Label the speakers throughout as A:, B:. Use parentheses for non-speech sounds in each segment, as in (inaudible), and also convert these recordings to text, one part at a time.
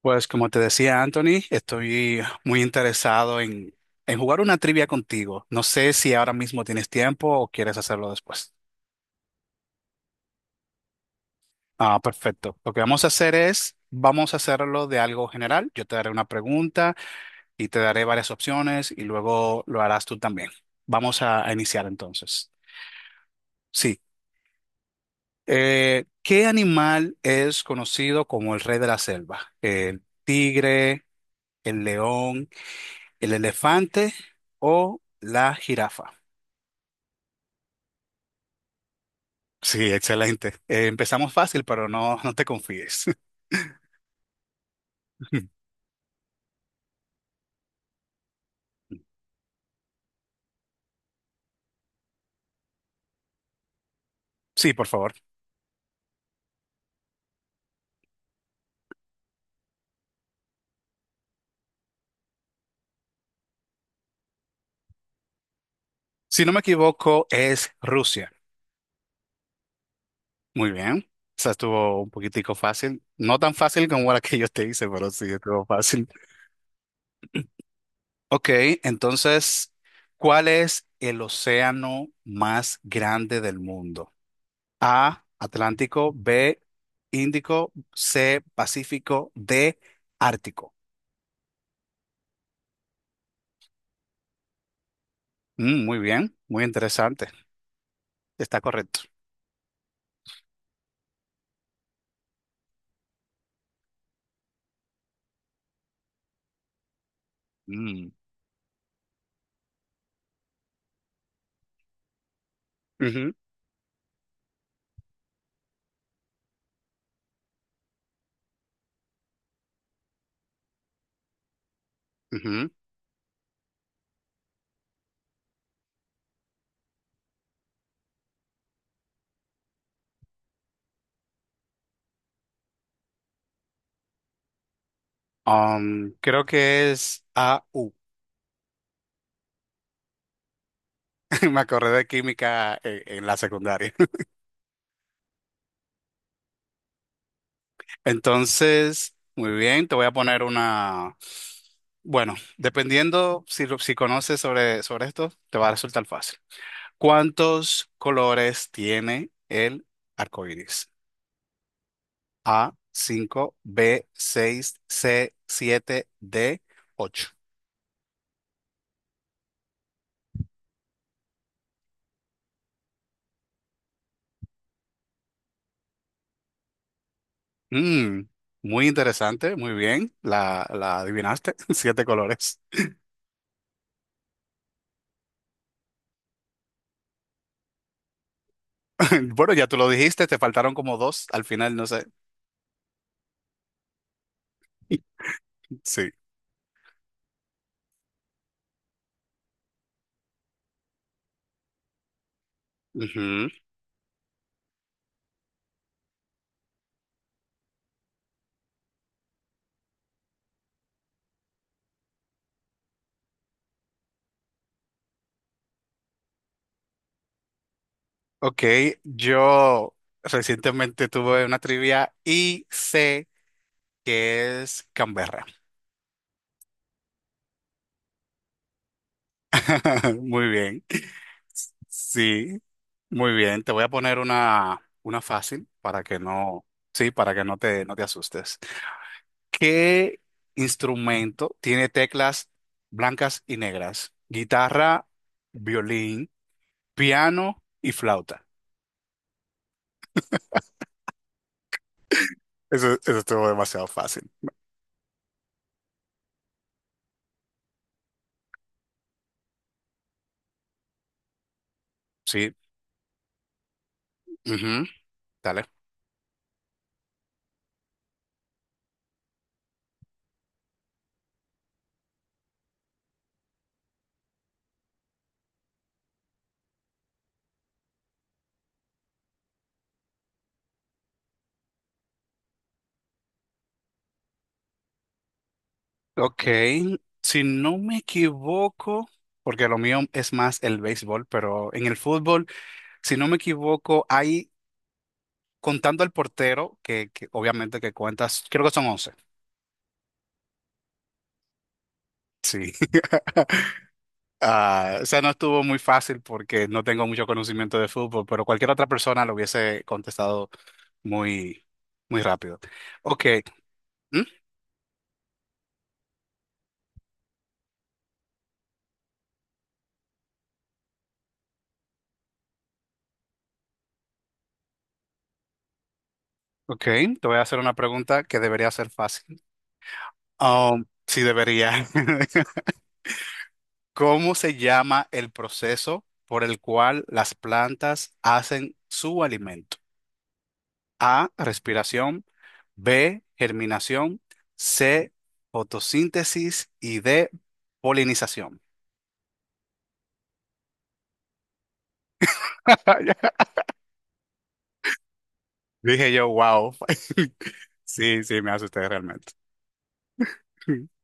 A: Pues como te decía Anthony, estoy muy interesado en jugar una trivia contigo. No sé si ahora mismo tienes tiempo o quieres hacerlo después. Ah, perfecto. Lo que vamos a hacer es, vamos a hacerlo de algo general. Yo te daré una pregunta y te daré varias opciones y luego lo harás tú también. Vamos a iniciar entonces. Sí. ¿Qué animal es conocido como el rey de la selva? ¿El tigre, el león, el elefante o la jirafa? Sí, excelente. Empezamos fácil, pero no, no te confíes. (laughs) Sí, por favor. Si no me equivoco, es Rusia. Muy bien. Esa estuvo un poquitico fácil. No tan fácil como la que yo te hice, pero sí estuvo fácil. Ok, entonces, ¿cuál es el océano más grande del mundo? A, Atlántico, B, Índico, C, Pacífico, D, Ártico. Mm, muy bien, muy interesante. Está correcto. Mm, ujú, ujú. Creo que es A U. (laughs) Me acordé de química, la secundaria. (laughs) Entonces, muy bien, te voy a poner una. Bueno, dependiendo si, si conoces sobre esto, te va a resultar fácil. ¿Cuántos colores tiene el arco iris? A, 5, B, 6, C, 7, D, 8. Mm, muy interesante, muy bien, la adivinaste, (laughs) siete colores. (laughs) Bueno, ya tú lo dijiste, te faltaron como dos al final, no sé. (laughs) Sí. Ujú. Ok, yo recientemente tuve una trivia y sé que es Canberra. (laughs) Muy bien. Sí, muy bien. Te voy a poner una fácil para que no, sí, para que no te, no te asustes. ¿Qué instrumento tiene teclas blancas y negras? Guitarra, violín, piano y flauta. Eso estuvo demasiado fácil. Sí, ujú, dale. Ok, si no me equivoco, porque lo mío es más el béisbol, pero en el fútbol, si no me equivoco, hay, contando al portero, que obviamente que cuentas, creo que son once. Sí. (laughs) Ah, o sea, no estuvo muy fácil porque no tengo mucho conocimiento de fútbol, pero cualquier otra persona lo hubiese contestado muy, muy rápido. Ok, ¿mm? Ok, te voy a hacer una pregunta que debería ser fácil. Sí, debería. (laughs) ¿Cómo se llama el proceso por el cual las plantas hacen su alimento? A, respiración, B, germinación, C, fotosíntesis y D, polinización. (laughs) Dije yo, wow. (laughs) Sí, sí, me asusté realmente. (laughs)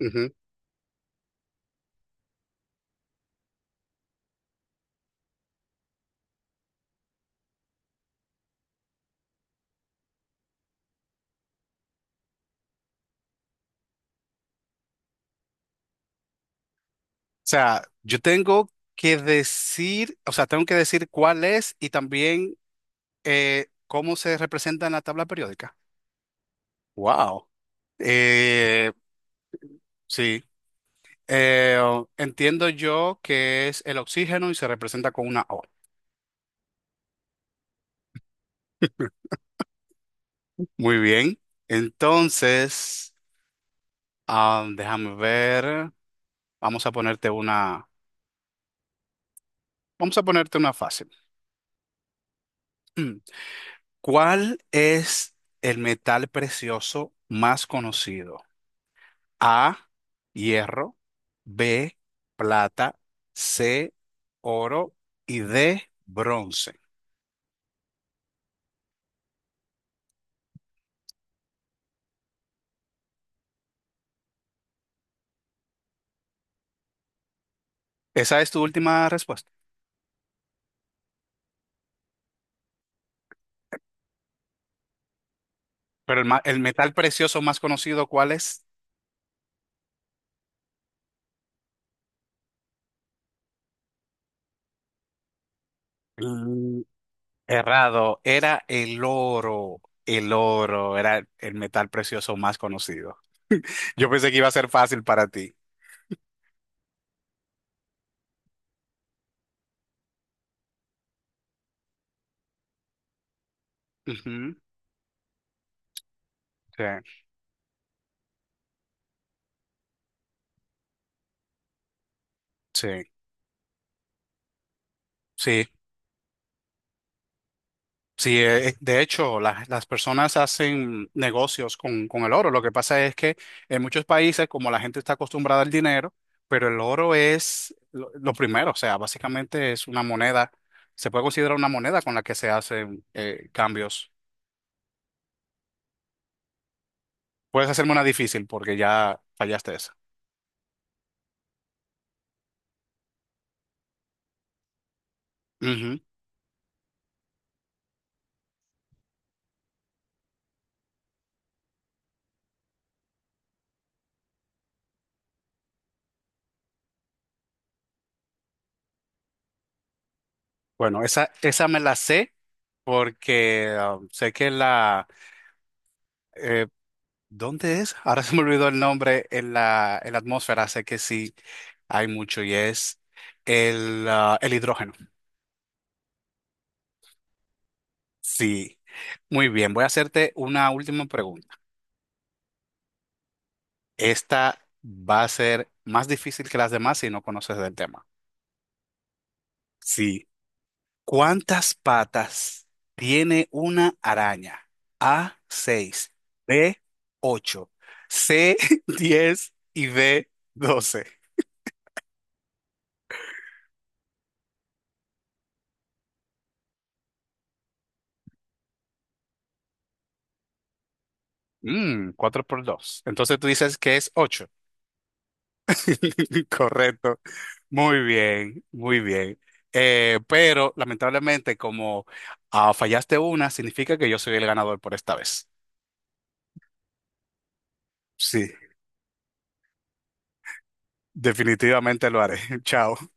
A: Ujú. O sea, yo tengo que decir, o sea, tengo que decir cuál es y también ¿cómo se representa en la tabla periódica? Wow. Eh, sí. Eh, Entiendo yo que es el oxígeno y se representa con una O. Muy bien. Entonces, ah, déjame ver. Vamos a ponerte una, vamos a ponerte una fácil. (clears throat) ¿Cuál es el metal precioso más conocido? A, hierro, B, plata, C, oro y D, bronce. Esa es tu última respuesta. Pero el, el metal precioso más conocido, ¿cuál es? Mm, errado, era el oro. El oro era el metal precioso más conocido. Yo pensé que iba a ser fácil para ti. Ujú, sí, sí, sí. Sí, de hecho, las personas hacen negocios con el oro. Lo que pasa es que en muchos países, como la gente está acostumbrada al dinero, pero el oro es lo primero, o sea, básicamente es una moneda, se puede considerar una moneda con la que se hacen cambios. Puedes hacerme una difícil porque ya fallaste esa. Ujú. Bueno, esa me la sé porque ah, sé que la, eh, ¿dónde es? Ahora (laughs) se me olvidó el nombre en la atmósfera, sé que sí hay mucho y es el, ah, el hidrógeno. Sí, muy bien, voy a hacerte una última pregunta. Esta va a ser más difícil que las demás si no conoces del tema. Sí, ¿cuántas patas tiene una araña? A, 6, B, 8, C, (laughs) 10 y D, 12. Mm, 4 por 2. Entonces tú dices que es 8. (laughs) Correcto. Muy bien, muy bien. Pero lamentablemente, como ah, fallaste una, significa que yo soy el ganador por esta vez. Sí, definitivamente lo haré. (laughs) Chao.